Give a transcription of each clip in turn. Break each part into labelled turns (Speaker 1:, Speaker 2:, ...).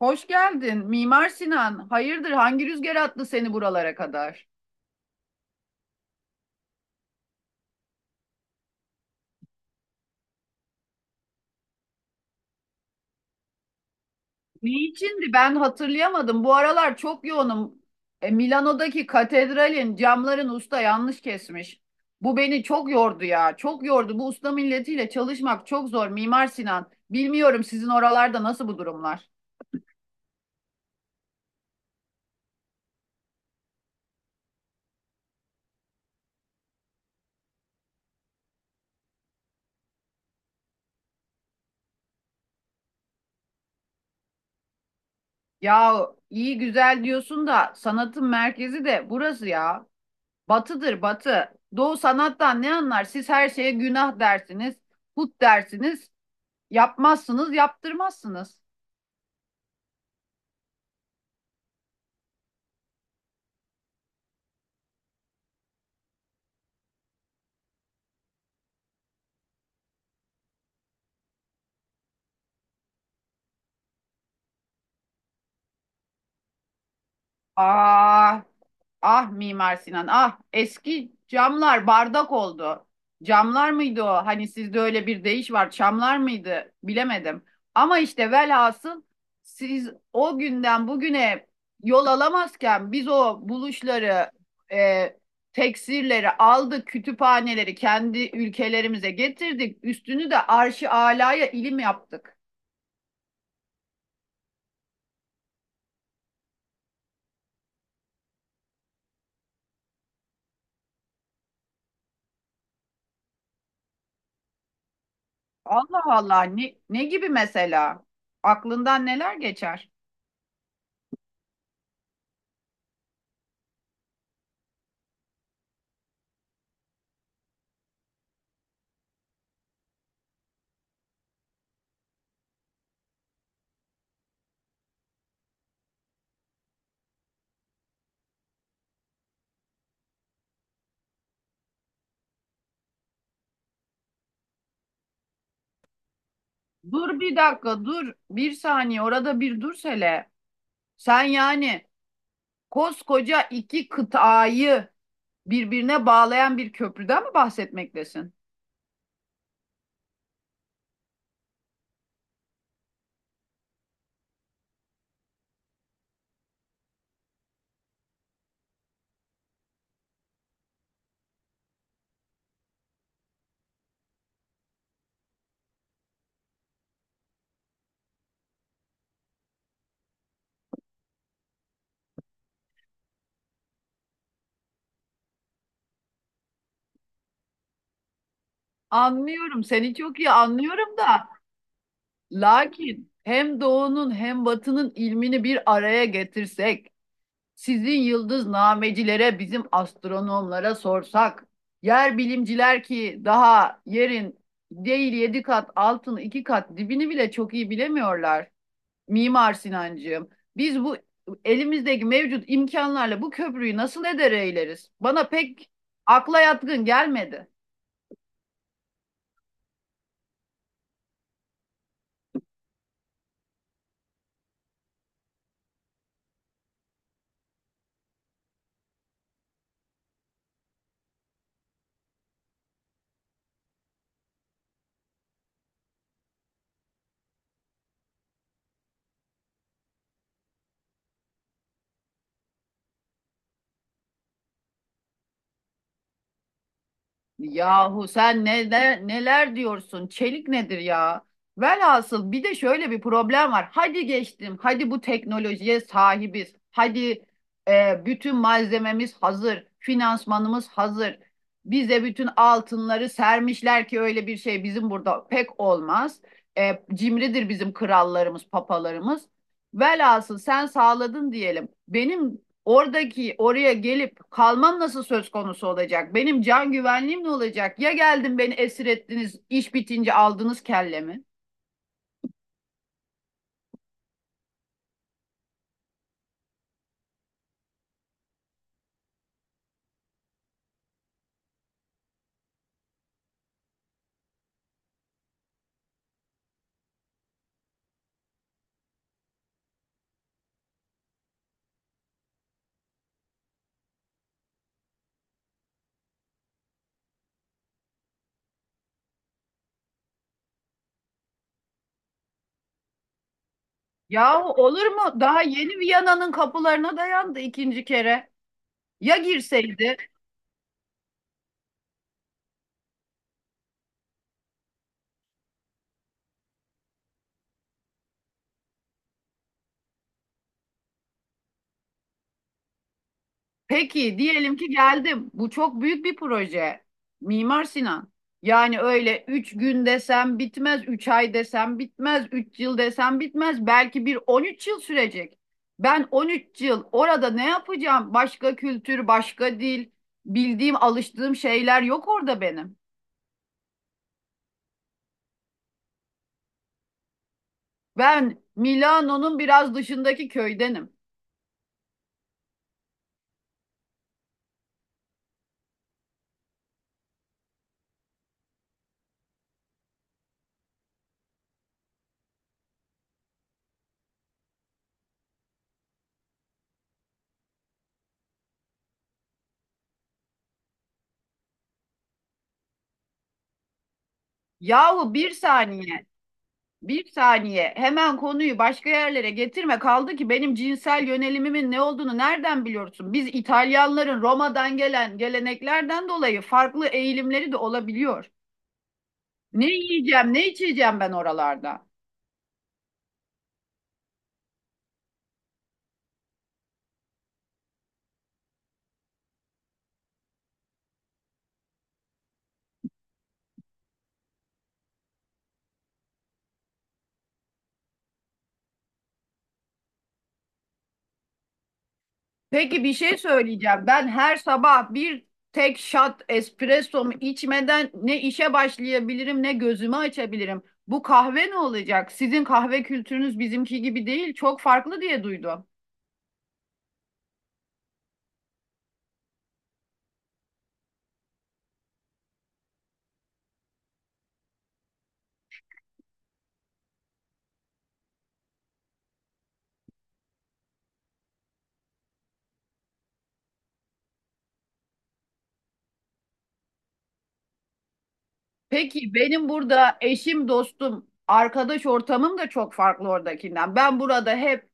Speaker 1: Hoş geldin. Mimar Sinan. Hayırdır? Hangi rüzgar attı seni buralara kadar? Niçindi? Ben hatırlayamadım. Bu aralar çok yoğunum. E, Milano'daki katedralin camların usta yanlış kesmiş. Bu beni çok yordu ya. Çok yordu. Bu usta milletiyle çalışmak çok zor Mimar Sinan. Bilmiyorum sizin oralarda nasıl bu durumlar. Ya iyi güzel diyorsun da sanatın merkezi de burası ya. Batıdır batı. Doğu sanattan ne anlar? Siz her şeye günah dersiniz, put dersiniz. Yapmazsınız, yaptırmazsınız. Ah, ah Mimar Sinan, ah eski camlar bardak oldu. Camlar mıydı o? Hani sizde öyle bir deyiş var, çamlar mıydı? Bilemedim. Ama işte velhasıl siz o günden bugüne yol alamazken biz o buluşları, e, teksirleri aldık, kütüphaneleri kendi ülkelerimize getirdik. Üstünü de arş-ı alaya ilim yaptık. Allah Allah ne gibi mesela? Aklından neler geçer? Dur bir dakika dur bir saniye orada bir dur hele. Sen yani koskoca iki kıtayı birbirine bağlayan bir köprüden mi bahsetmektesin? Anlıyorum seni çok iyi anlıyorum da lakin hem doğunun hem batının ilmini bir araya getirsek sizin yıldıznamecilere, bizim astronomlara sorsak, yer bilimciler ki daha yerin değil yedi kat, altını iki kat dibini bile çok iyi bilemiyorlar. Mimar Sinancığım, biz bu elimizdeki mevcut imkanlarla bu köprüyü nasıl eder eyleriz? Bana pek akla yatkın gelmedi. Yahu sen neler, neler diyorsun? Çelik nedir ya? Velhasıl bir de şöyle bir problem var. Hadi geçtim. Hadi bu teknolojiye sahibiz. Hadi bütün malzememiz hazır. Finansmanımız hazır. Bize bütün altınları sermişler ki öyle bir şey bizim burada pek olmaz. E, cimridir bizim krallarımız, papalarımız. Velhasıl sen sağladın diyelim. Benim oradaki oraya gelip kalmam nasıl söz konusu olacak? Benim can güvenliğim ne olacak? Ya geldim beni esir ettiniz, iş bitince aldınız kellemi? Yahu olur mu? Daha yeni Viyana'nın kapılarına dayandı ikinci kere. Ya girseydi? Peki diyelim ki geldim. Bu çok büyük bir proje. Mimar Sinan. Yani öyle 3 gün desem bitmez, 3 ay desem bitmez, 3 yıl desem bitmez. Belki bir 13 yıl sürecek. Ben 13 yıl orada ne yapacağım? Başka kültür, başka dil, bildiğim, alıştığım şeyler yok orada benim. Ben Milano'nun biraz dışındaki köydenim. Yahu bir saniye. Bir saniye. Hemen konuyu başka yerlere getirme. Kaldı ki benim cinsel yönelimimin ne olduğunu nereden biliyorsun? Biz İtalyanların Roma'dan gelen geleneklerden dolayı farklı eğilimleri de olabiliyor. Ne yiyeceğim, ne içeceğim ben oralarda? Peki bir şey söyleyeceğim. Ben her sabah bir tek shot espressomu içmeden ne işe başlayabilirim, ne gözümü açabilirim. Bu kahve ne olacak? Sizin kahve kültürünüz bizimki gibi değil, çok farklı diye duydum. Peki benim burada eşim, dostum, arkadaş ortamım da çok farklı oradakinden. Ben burada hep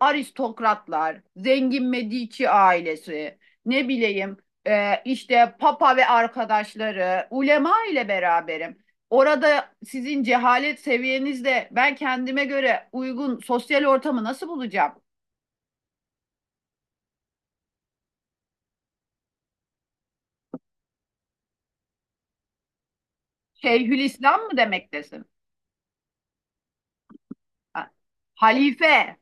Speaker 1: aristokratlar, zengin Medici ailesi, ne bileyim işte papa ve arkadaşları, ulema ile beraberim. Orada sizin cehalet seviyenizde ben kendime göre uygun sosyal ortamı nasıl bulacağım? Şeyhülislam mı demektesin? Ha, Halife.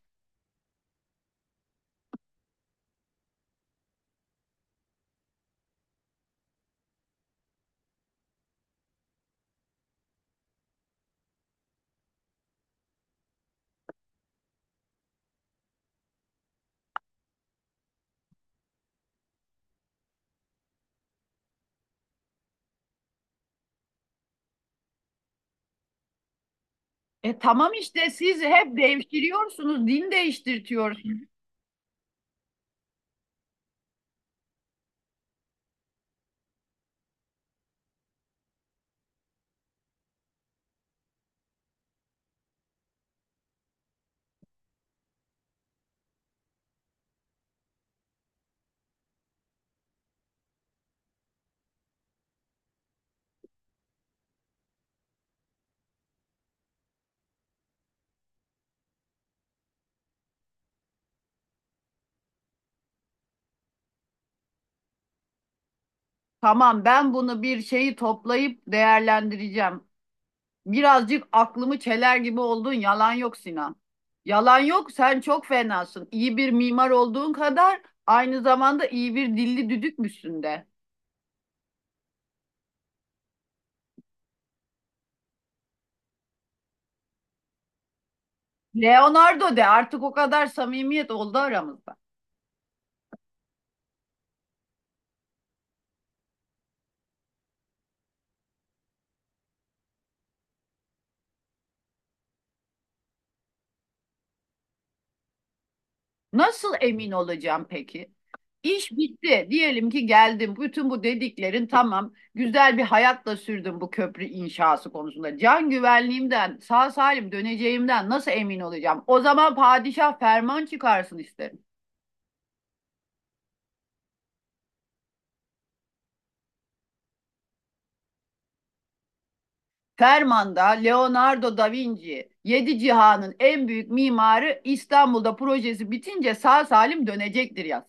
Speaker 1: E tamam işte siz hep devşiriyorsunuz, din değiştirtiyorsunuz. Tamam ben bunu bir şeyi toplayıp değerlendireceğim. Birazcık aklımı çeler gibi oldun. Yalan yok Sinan. Yalan yok. Sen çok fenasın. İyi bir mimar olduğun kadar aynı zamanda iyi bir dilli düdükmüşsün de. Leonardo de artık o kadar samimiyet oldu aramızda. Nasıl emin olacağım peki? İş bitti. Diyelim ki geldim. Bütün bu dediklerin tamam. Güzel bir hayatla sürdüm bu köprü inşası konusunda. Can güvenliğimden, sağ salim döneceğimden nasıl emin olacağım? O zaman padişah ferman çıkarsın isterim. Fermanda Leonardo da Vinci, yedi cihanın en büyük mimarı İstanbul'da projesi bitince sağ salim dönecektir yaz.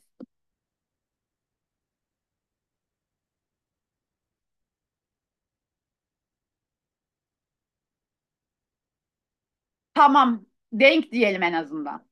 Speaker 1: Tamam, denk diyelim en azından.